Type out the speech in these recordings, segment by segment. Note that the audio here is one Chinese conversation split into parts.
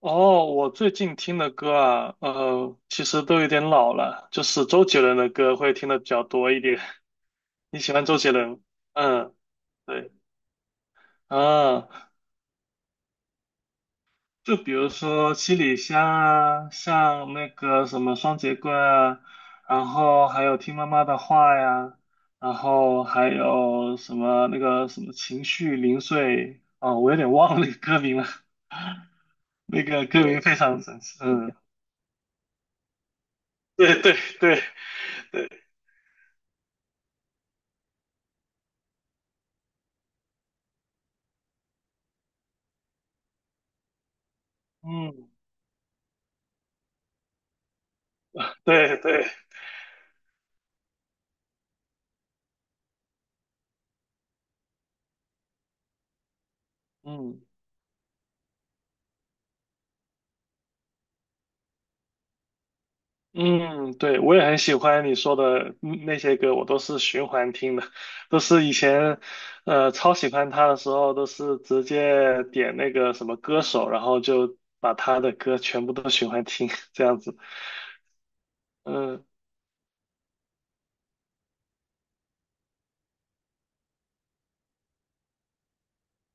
哦，我最近听的歌啊，其实都有点老了，就是周杰伦的歌会听的比较多一点。你喜欢周杰伦？嗯，对，啊，就比如说《七里香》啊，像那个什么《双截棍》啊，然后还有《听妈妈的话》呀，然后还有什么那个什么《情绪零碎》啊，我有点忘了那个歌名了，那个歌名非常神奇。嗯，对对对对，嗯，对对。嗯嗯，对，我也很喜欢你说的那些歌，我都是循环听的，都是以前超喜欢他的时候，都是直接点那个什么歌手，然后就把他的歌全部都循环听，这样子。嗯。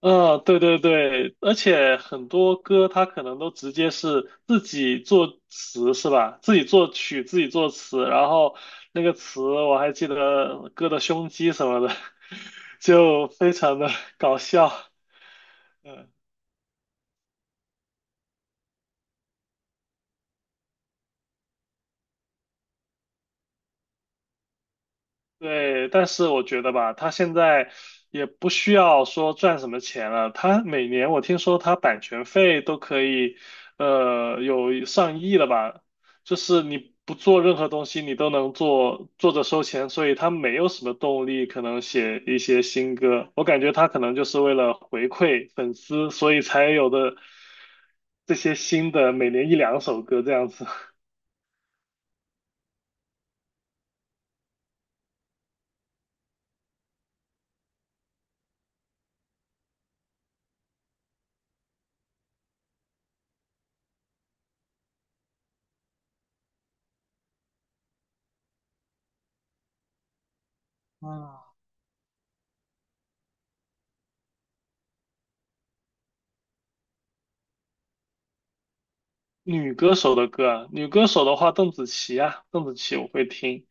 嗯，对对对，而且很多歌它可能都直接是自己作词是吧？自己作曲，自己作词，然后那个词我还记得歌的胸肌什么的，就非常的搞笑。对，但是我觉得吧，他现在也不需要说赚什么钱了。他每年我听说他版权费都可以，有上亿了吧？就是你不做任何东西，你都能做，做着收钱，所以他没有什么动力可能写一些新歌。我感觉他可能就是为了回馈粉丝，所以才有的这些新的每年一两首歌这样子。嗯，女歌手的歌啊，女歌手的话，邓紫棋啊，邓紫棋我会听，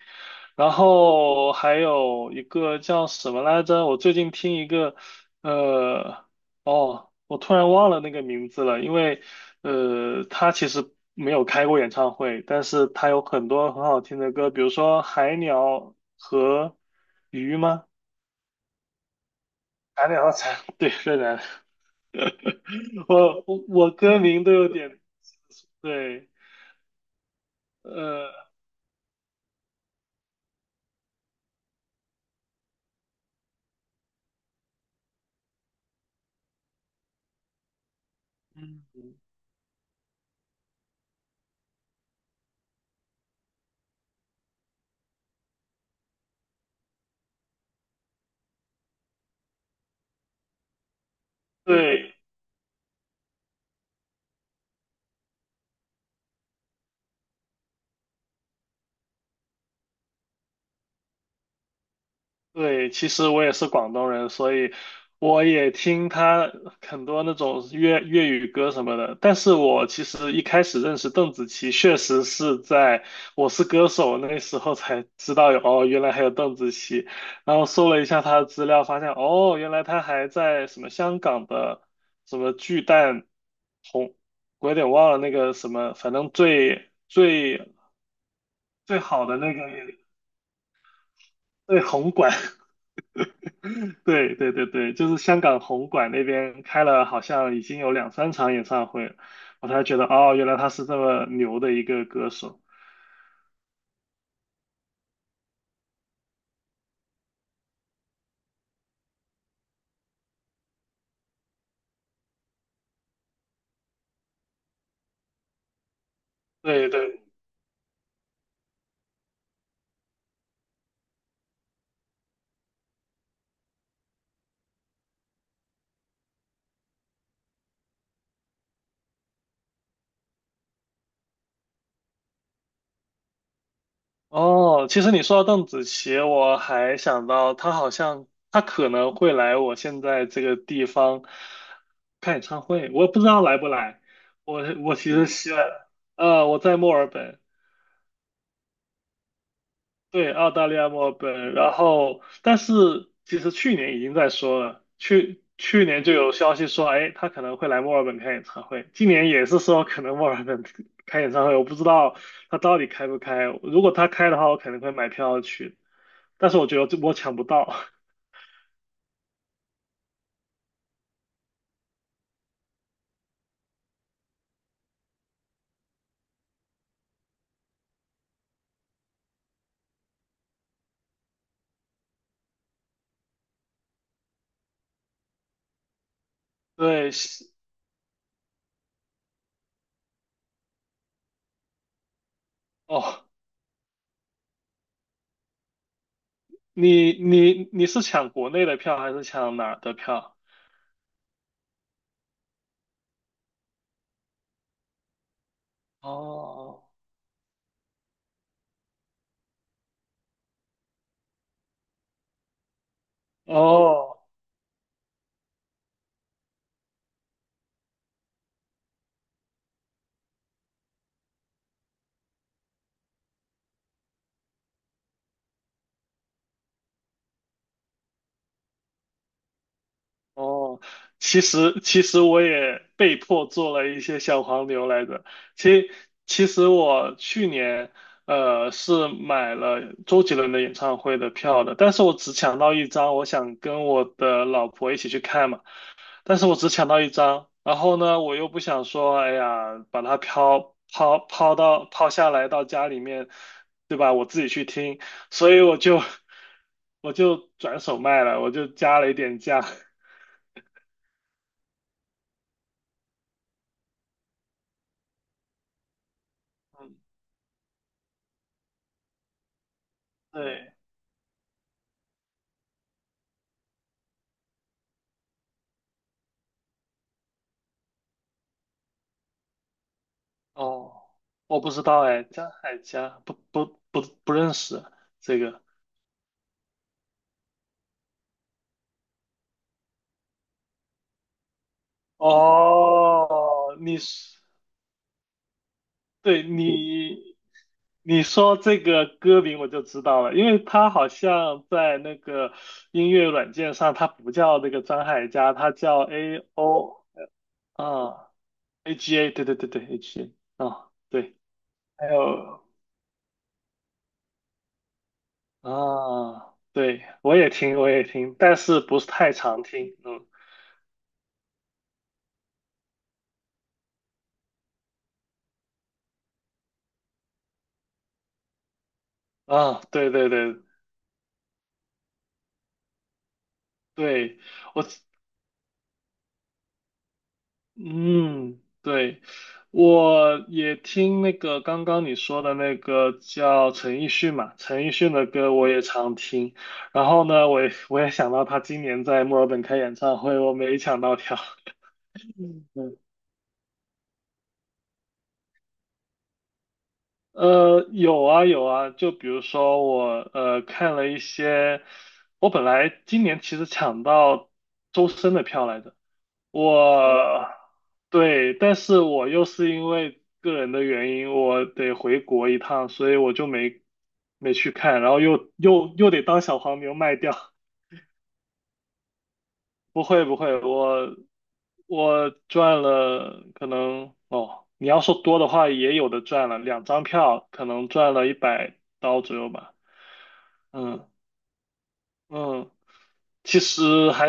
然后还有一个叫什么来着？我最近听一个，呃，哦，我突然忘了那个名字了，因为，他其实没有开过演唱会，但是他有很多很好听的歌，比如说《海鸟和鱼》吗？海鸟和蝉，对，越南，我歌名都有点，对，呃。嗯。对，对，其实我也是广东人，所以我也听他很多那种粤语歌什么的。但是我其实一开始认识邓紫棋，确实是在《我是歌手》那时候才知道有，哦，原来还有邓紫棋。然后搜了一下她的资料，发现哦，原来她还在什么香港的什么巨蛋红，我有点忘了那个什么，反正最好的那个最红馆对对对对，就是香港红馆那边开了，好像已经有两三场演唱会了我才觉得哦，原来他是这么牛的一个歌手。对对，哦，其实你说到邓紫棋，我还想到她好像她可能会来我现在这个地方看演唱会，我不知道来不来。我其实希望，我在墨尔本，对，澳大利亚墨尔本，然后但是其实去年已经在说了，去年就有消息说，哎，他可能会来墨尔本开演唱会，今年也是说可能墨尔本 开演唱会，我不知道他到底开不开，如果他开的话，我肯定会买票去，但是我觉得我抢不到。对，是哦，你是抢国内的票还是抢哪儿的票？哦哦哦，其实我也被迫做了一些小黄牛来着。其其实我去年是买了周杰伦的演唱会的票的，但是我只抢到一张，我想跟我的老婆一起去看嘛，但是我只抢到一张，然后呢，我又不想说，哎呀，把它抛下来到家里面，对吧？我自己去听，所以我就 我就转手卖了，我就加了一点价。对，哦，我不知道哎，张海佳不认识这个。哦，对你说这个歌名我就知道了，因为他好像在那个音乐软件上，他不叫那个张海佳，他叫 A O 啊 A G A，对对对对 A G A 啊，对，还有啊，对我也听，但是不是太常听，嗯。啊，对对对，对，我，嗯，对，我也听那个刚刚你说的那个叫陈奕迅嘛，陈奕迅的歌我也常听。然后呢，我也想到他今年在墨尔本开演唱会，我没抢到票。嗯，嗯有啊有啊，就比如说我看了一些，我本来今年其实抢到周深的票来着。我对，但是我又是因为个人的原因，我得回国一趟，所以我就没去看，然后又得当小黄牛卖掉。不会不会，我赚了，可能哦，你要说多的话，也有的赚了，两张票可能赚了一百刀左右吧。嗯嗯，其实还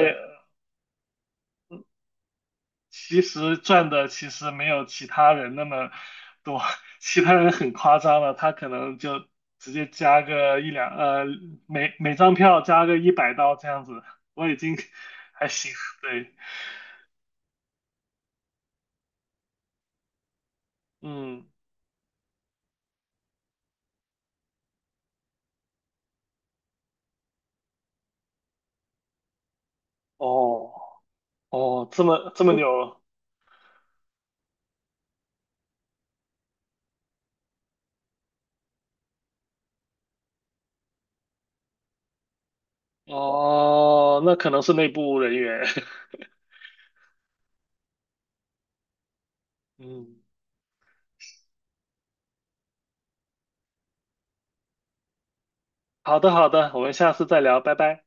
其实赚的其实没有其他人那么多，其他人很夸张了，他可能就直接加个每张票加个一百刀这样子，我已经 还行，对，嗯，哦哦，这么牛，哦，那可能是内部人员，嗯，好的好的，我们下次再聊，拜拜。